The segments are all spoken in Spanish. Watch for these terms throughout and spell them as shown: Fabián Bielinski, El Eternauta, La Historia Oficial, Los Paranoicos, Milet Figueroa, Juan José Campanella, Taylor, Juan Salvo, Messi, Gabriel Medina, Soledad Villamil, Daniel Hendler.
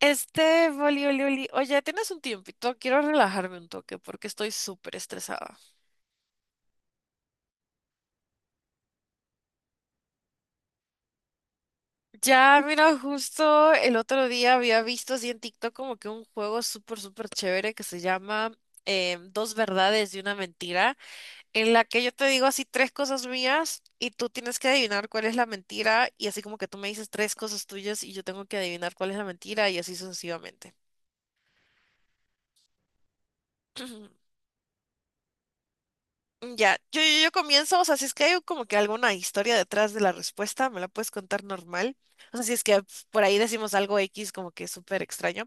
Oli, Oli, Oli, oye, ¿tienes un tiempito? Quiero relajarme un toque porque estoy súper estresada. Ya, mira, justo el otro día había visto así en TikTok como que un juego súper, súper chévere que se llama Dos verdades y una mentira, en la que yo te digo así tres cosas mías y tú tienes que adivinar cuál es la mentira y así como que tú me dices tres cosas tuyas y yo tengo que adivinar cuál es la mentira y así sucesivamente. Ya, yo comienzo. O sea, si es que hay como que alguna historia detrás de la respuesta, me la puedes contar normal. O sea, si es que por ahí decimos algo X como que súper extraño,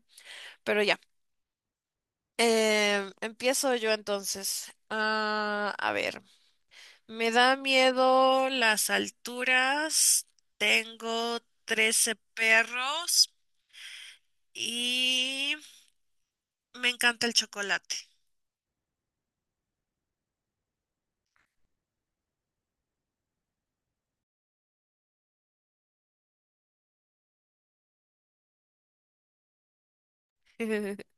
pero ya. Empiezo yo entonces. Ah, a ver, me da miedo las alturas, tengo 13 perros y me encanta el chocolate.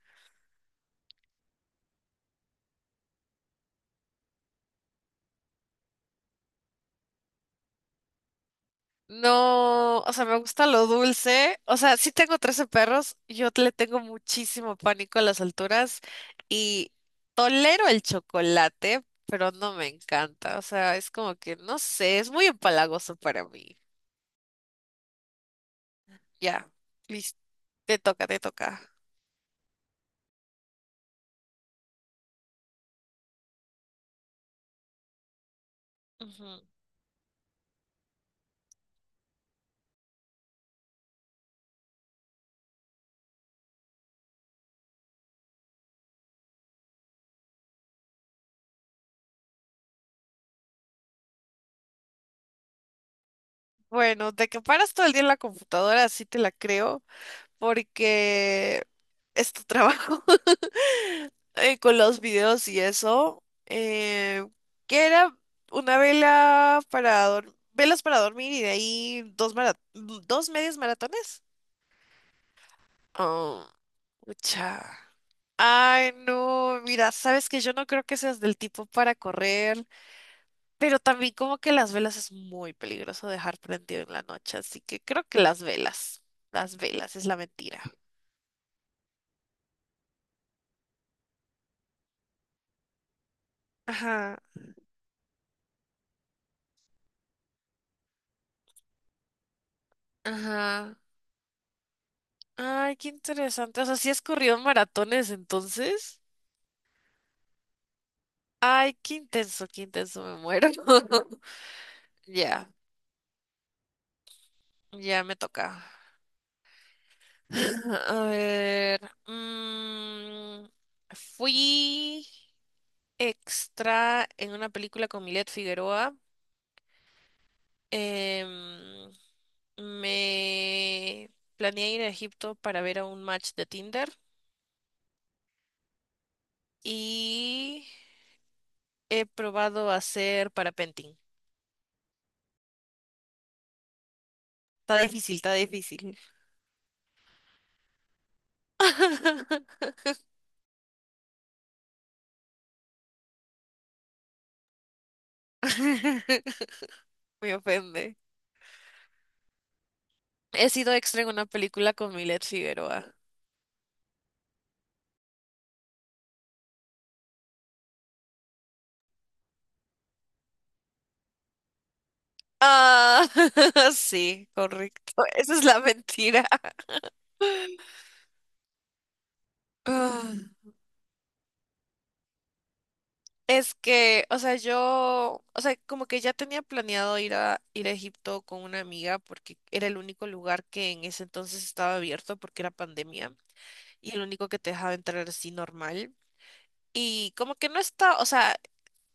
No, o sea, me gusta lo dulce. O sea, sí tengo 13 perros. Yo le tengo muchísimo pánico a las alturas y tolero el chocolate, pero no me encanta. O sea, es como que, no sé, es muy empalagoso para mí. Ya, listo. Te toca, te toca. Ujú. Bueno, de que paras todo el día en la computadora, sí te la creo, porque es tu trabajo. Con los videos y eso, que era una vela para dormir, velas para dormir y de ahí dos medios maratones. Oh, mucha. Ay, no, mira, sabes que yo no creo que seas del tipo para correr, pero también como que las velas es muy peligroso dejar prendido en la noche, así que creo que las velas es la mentira. Ajá, ajá. Ay, qué interesante. O sea, sí has corrido maratones entonces. Ay, qué intenso, me muero. Ya, ya me toca. A ver. mm, Fui extra en una película con Milet Figueroa. Em, Me planeé ir a Egipto para ver a un match de Tinder y he probado hacer parapenting. Está difícil, está difícil. Me ofende. He sido extra en una película con Milet Figueroa. Ah, sí, correcto. Esa es la mentira. Ah, Es que, o sea, yo, o sea, como que ya tenía planeado ir a Egipto con una amiga porque era el único lugar que en ese entonces estaba abierto porque era pandemia y el único que te dejaba entrar así normal. Y como que no está, o sea,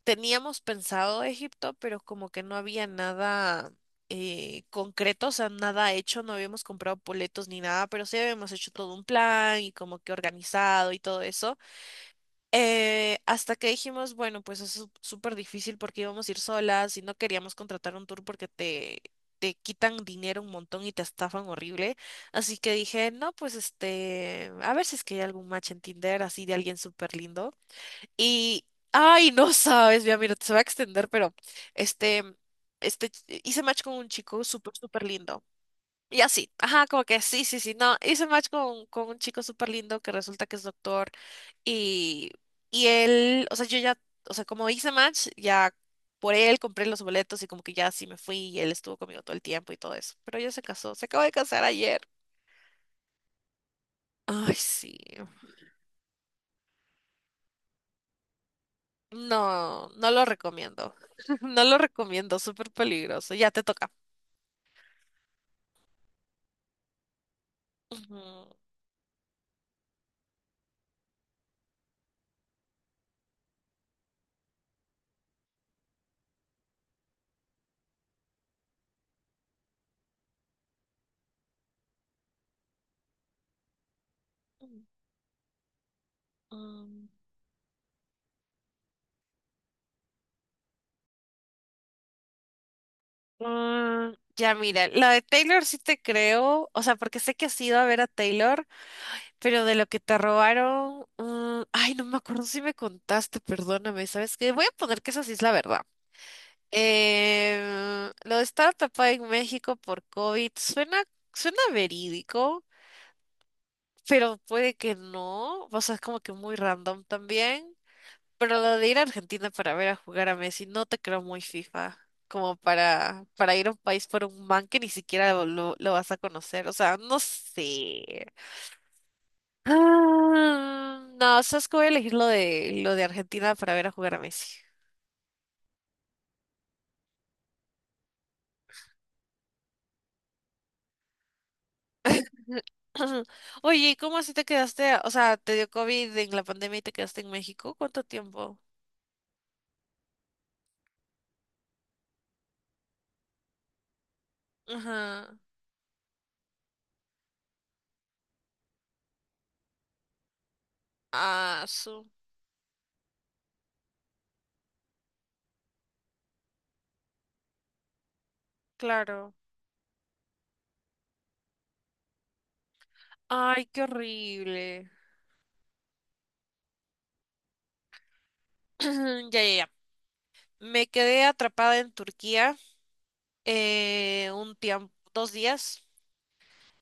teníamos pensado Egipto, pero como que no había nada concreto, o sea, nada hecho, no habíamos comprado boletos ni nada, pero sí habíamos hecho todo un plan y como que organizado y todo eso. Hasta que dijimos, bueno, pues es súper difícil porque íbamos a ir solas y no queríamos contratar un tour porque te quitan dinero un montón y te estafan horrible. Así que dije, no, pues a ver si es que hay algún match en Tinder así de alguien súper lindo. Y, ay, no sabes, ya mira, se va a extender, pero este, este, hice match con un chico súper, súper lindo. Y así, ajá, como que sí, sí, sí, no, hice match con un chico súper lindo que resulta que es doctor y, y él, o sea, yo ya, o sea, como hice match, ya por él compré los boletos y como que ya así me fui y él estuvo conmigo todo el tiempo y todo eso. Pero ya se casó, se acaba de casar ayer. Ay, sí. No, no lo recomiendo. No lo recomiendo, súper peligroso. Ya te toca. Ujú. Mm, ya, mira, la de Taylor sí te creo, o sea, porque sé que has ido a ver a Taylor, pero de lo que te robaron, ay, no me acuerdo si me contaste, perdóname, ¿sabes qué? Voy a poner que esa sí es la verdad. Lo de estar atrapada en México por COVID suena, suena verídico, pero puede que no, o sea, es como que muy random también. Pero lo de ir a Argentina para ver a jugar a Messi, no te creo muy FIFA, como para ir a un país por un man que ni siquiera lo vas a conocer. O sea, no sé. Ah, no, sabes que voy a elegir lo de Argentina para ver a jugar a Messi. Oye, ¿y cómo así te quedaste? O sea, te dio COVID en la pandemia y te quedaste en México. ¿Cuánto tiempo? Ajá. Ah, claro. Ay, qué horrible. Ya, ya, ya. Me quedé atrapada en Turquía, un tiempo, 2 días.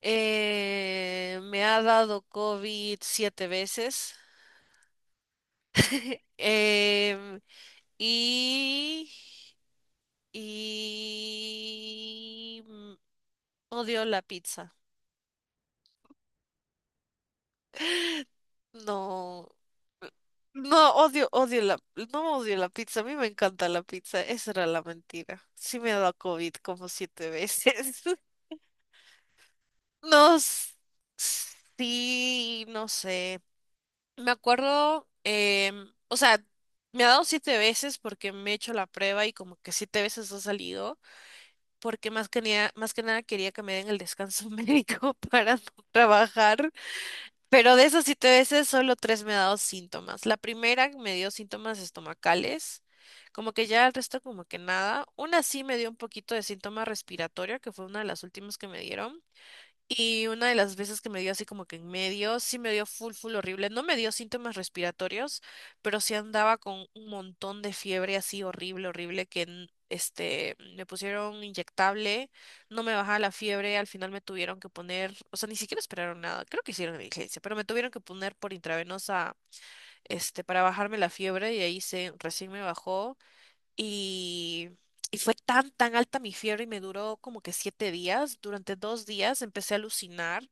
Me ha dado COVID siete veces. Em, y, y odio la pizza. No, no odio, odio la, no odio la pizza. A mí me encanta la pizza. Esa era la mentira. Sí me ha dado COVID como siete veces. No, sí, no sé. Me acuerdo, o sea, me ha dado siete veces porque me he hecho la prueba y como que siete veces ha salido, porque más que nada quería que me den el descanso médico para no trabajar, pero de esas siete veces solo tres me ha dado síntomas. La primera me dio síntomas estomacales, como que ya el resto como que nada. Una sí me dio un poquito de síntoma respiratorio, que fue una de las últimas que me dieron. Y una de las veces que me dio así como que en medio, sí me dio full, full horrible. No me dio síntomas respiratorios, pero sí andaba con un montón de fiebre así horrible, horrible, que me pusieron inyectable, no me bajaba la fiebre, al final me tuvieron que poner, o sea, ni siquiera esperaron nada, creo que hicieron diligencia, pero me tuvieron que poner por intravenosa, para bajarme la fiebre y ahí recién me bajó. Y, y fue tan, tan alta mi fiebre y me duró como que 7 días. Durante 2 días empecé a alucinar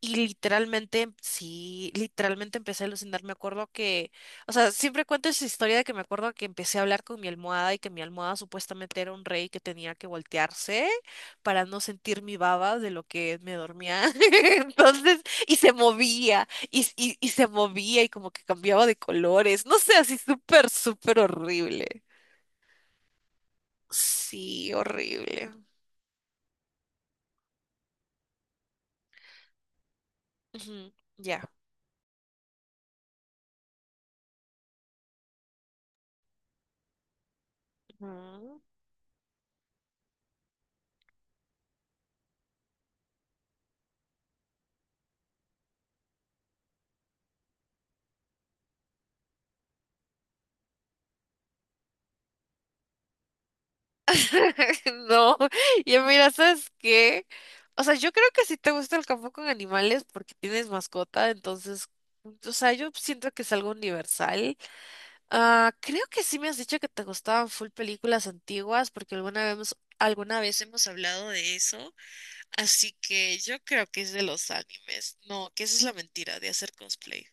y literalmente, sí, literalmente empecé a alucinar. Me acuerdo que, o sea, siempre cuento esa historia de que me acuerdo que empecé a hablar con mi almohada y que mi almohada supuestamente era un rey que tenía que voltearse para no sentir mi baba de lo que me dormía. Entonces, y se movía y se movía y como que cambiaba de colores. No sé, así súper, súper horrible. Sí, horrible. Ujú. Ya. Ujú. No, y mira, ¿sabes qué? O sea, yo creo que si te gusta el campo con animales porque tienes mascota, entonces, o sea, yo siento que es algo universal. Ah, creo que sí me has dicho que te gustaban full películas antiguas porque alguna vez hemos hablado de eso, así que yo creo que es de los animes. No, que esa es la mentira de hacer cosplay.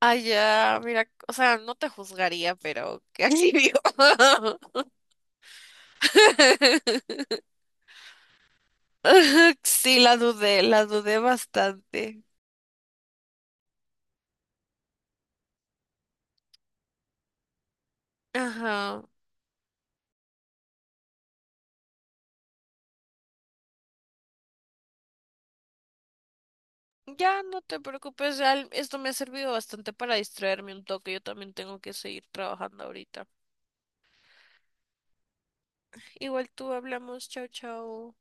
Ah, ya, mira, o sea, no te juzgaría, pero qué alivio. Sí, la dudé bastante. Ajá. Ya, no te preocupes, ya esto me ha servido bastante para distraerme un toque. Yo también tengo que seguir trabajando ahorita. Igual tú hablamos, chao, chao.